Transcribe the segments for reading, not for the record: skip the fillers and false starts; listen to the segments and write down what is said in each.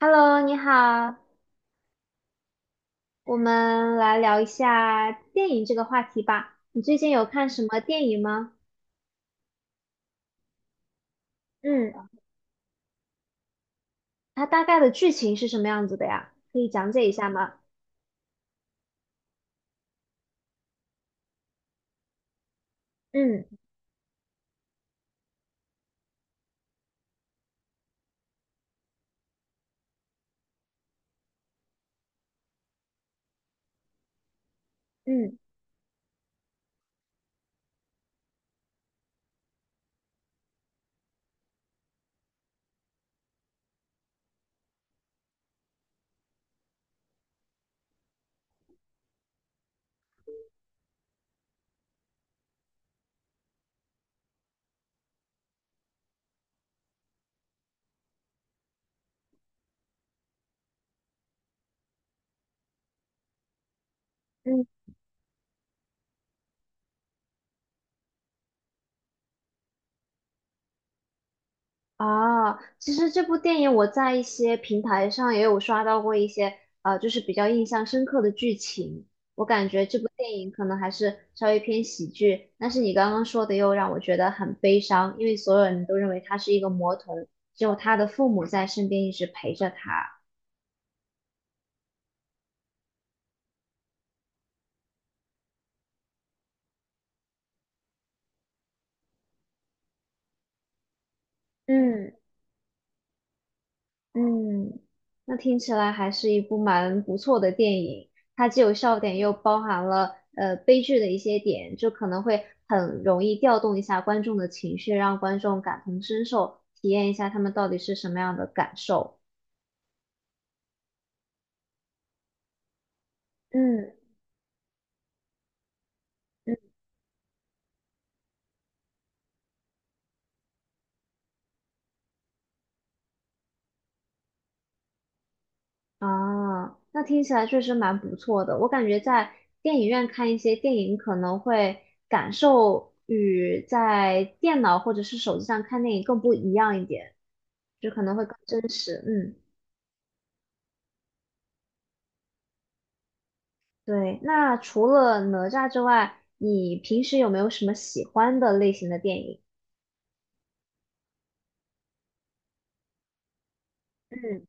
Hello，你好，我们来聊一下电影这个话题吧。你最近有看什么电影吗？嗯，它大概的剧情是什么样子的呀？可以讲解一下吗？嗯嗯嗯。啊，其实这部电影我在一些平台上也有刷到过一些，就是比较印象深刻的剧情。我感觉这部电影可能还是稍微偏喜剧，但是你刚刚说的又让我觉得很悲伤，因为所有人都认为他是一个魔童，只有他的父母在身边一直陪着他。嗯，嗯，那听起来还是一部蛮不错的电影，它既有笑点，又包含了悲剧的一些点，就可能会很容易调动一下观众的情绪，让观众感同身受，体验一下他们到底是什么样的感受。嗯嗯啊，那听起来确实蛮不错的。我感觉在电影院看一些电影，可能会感受与在电脑或者是手机上看电影更不一样一点，就可能会更真实。嗯。对，那除了哪吒之外，你平时有没有什么喜欢的类型的电影？嗯。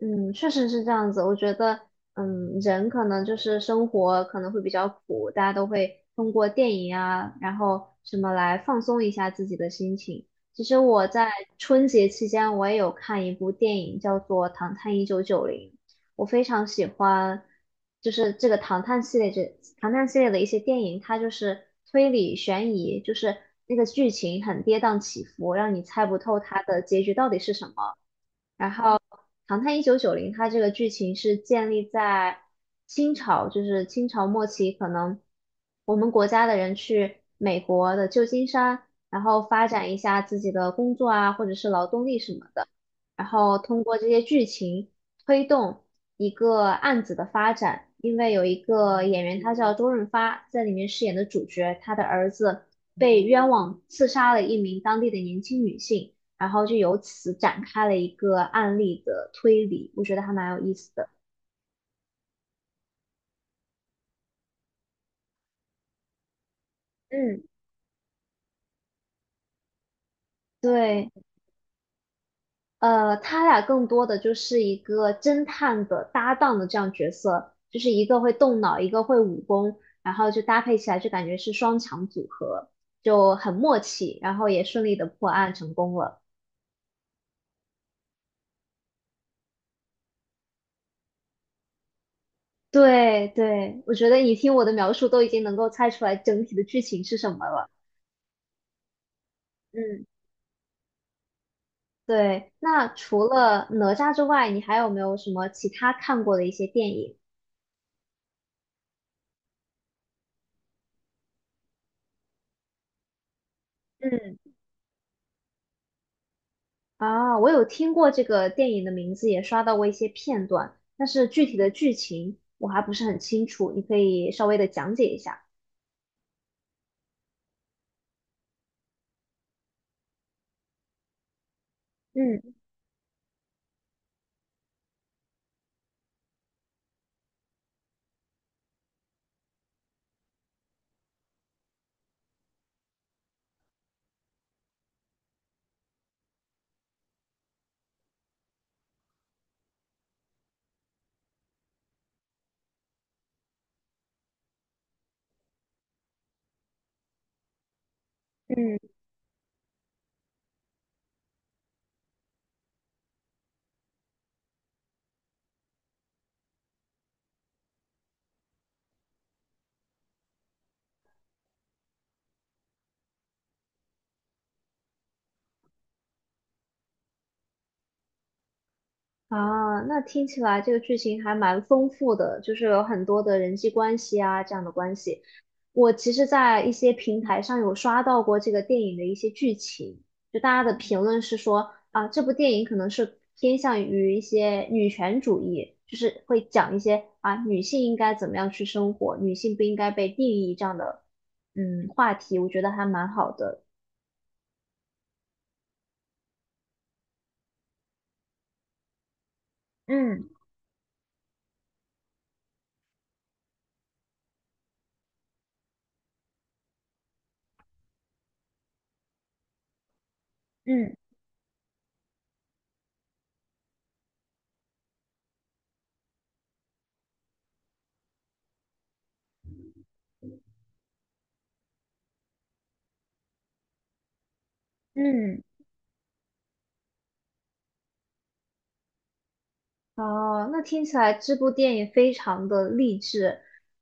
嗯，确实是这样子。我觉得，嗯，人可能就是生活可能会比较苦，大家都会通过电影啊，然后什么来放松一下自己的心情。其实我在春节期间，我也有看一部电影，叫做《唐探一九九零》，我非常喜欢，就是这个唐探系列的一些电影，它就是推理悬疑，就是那个剧情很跌宕起伏，让你猜不透它的结局到底是什么。然后《唐探一九九零》它这个剧情是建立在清朝，就是清朝末期，可能我们国家的人去美国的旧金山，然后发展一下自己的工作啊，或者是劳动力什么的，然后通过这些剧情推动一个案子的发展。因为有一个演员，他叫周润发，在里面饰演的主角，他的儿子被冤枉刺杀了一名当地的年轻女性。然后就由此展开了一个案例的推理，我觉得还蛮有意思的。嗯对，他俩更多的就是一个侦探的搭档的这样角色，就是一个会动脑，一个会武功，然后就搭配起来就感觉是双强组合，就很默契，然后也顺利的破案成功了。对对，我觉得你听我的描述都已经能够猜出来整体的剧情是什么了。嗯对，那除了哪吒之外，你还有没有什么其他看过的一些电影？嗯，啊，我有听过这个电影的名字，也刷到过一些片段，但是具体的剧情我还不是很清楚，你可以稍微的讲解一下。嗯嗯啊，那听起来这个剧情还蛮丰富的，就是有很多的人际关系啊这样的关系。我其实，在一些平台上有刷到过这个电影的一些剧情，就大家的评论是说啊，这部电影可能是偏向于一些女权主义，就是会讲一些啊女性应该怎么样去生活，女性不应该被定义这样的话题，我觉得还蛮好的。嗯嗯嗯。哦，那听起来这部电影非常的励志，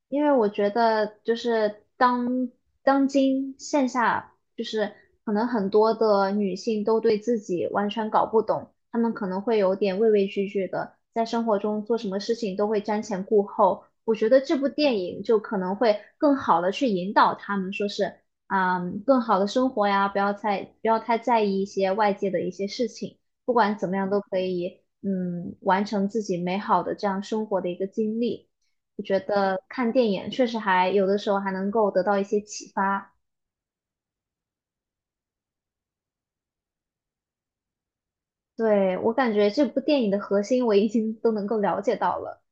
因为我觉得就是当线下，就是可能很多的女性都对自己完全搞不懂，她们可能会有点畏畏惧惧的，在生活中做什么事情都会瞻前顾后。我觉得这部电影就可能会更好的去引导她们，说是啊，更好的生活呀，不要太在意一些外界的一些事情。不管怎么样都可以，嗯，完成自己美好的这样生活的一个经历。我觉得看电影确实还有的时候能够得到一些启发。对，我感觉这部电影的核心我已经都能够了解到了。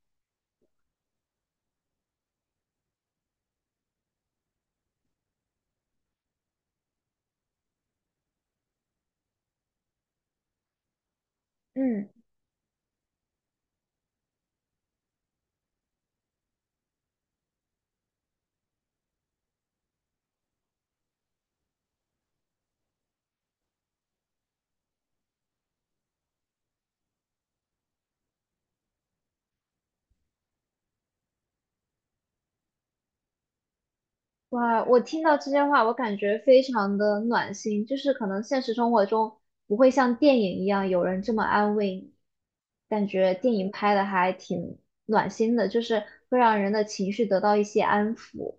嗯，哇，我听到这些话，我感觉非常的暖心，就是可能现实生活中不会像电影一样有人这么安慰你，感觉电影拍的还挺暖心的，就是会让人的情绪得到一些安抚。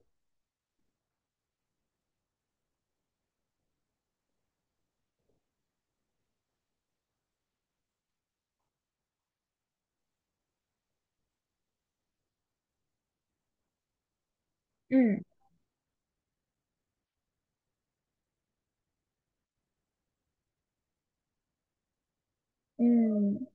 嗯。嗯，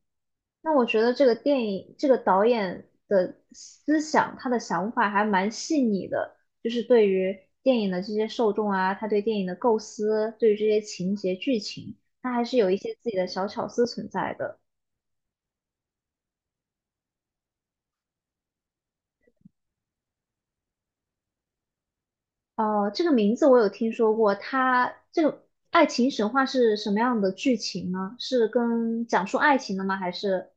那我觉得这个电影，这个导演的思想，他的想法还蛮细腻的，就是对于电影的这些受众啊，他对电影的构思，对于这些情节剧情，他还是有一些自己的小巧思存在的。哦、这个名字我有听说过，他这个爱情神话是什么样的剧情呢？是跟讲述爱情的吗？还是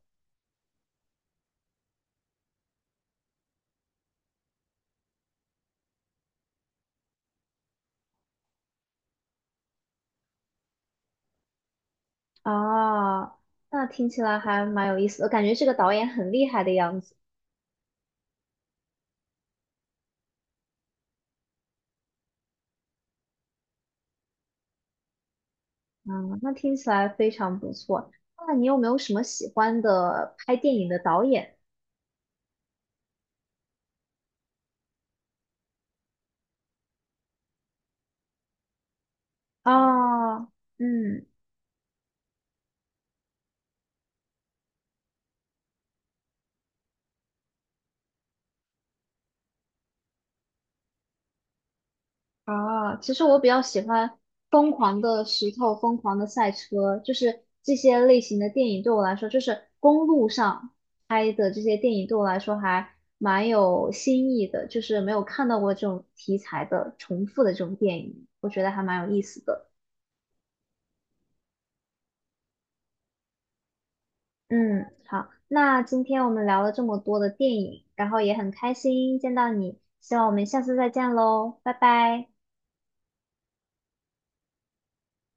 啊，那听起来还蛮有意思的，感觉这个导演很厉害的样子。嗯，那听起来非常不错。那你有没有什么喜欢的拍电影的导演？啊？嗯，啊，其实我比较喜欢《疯狂的石头》《疯狂的赛车》，就是这些类型的电影对我来说，就是公路上拍的这些电影对我来说还蛮有新意的，就是没有看到过这种题材的重复的这种电影，我觉得还蛮有意思的。嗯，好，那今天我们聊了这么多的电影，然后也很开心见到你，希望我们下次再见喽，拜拜。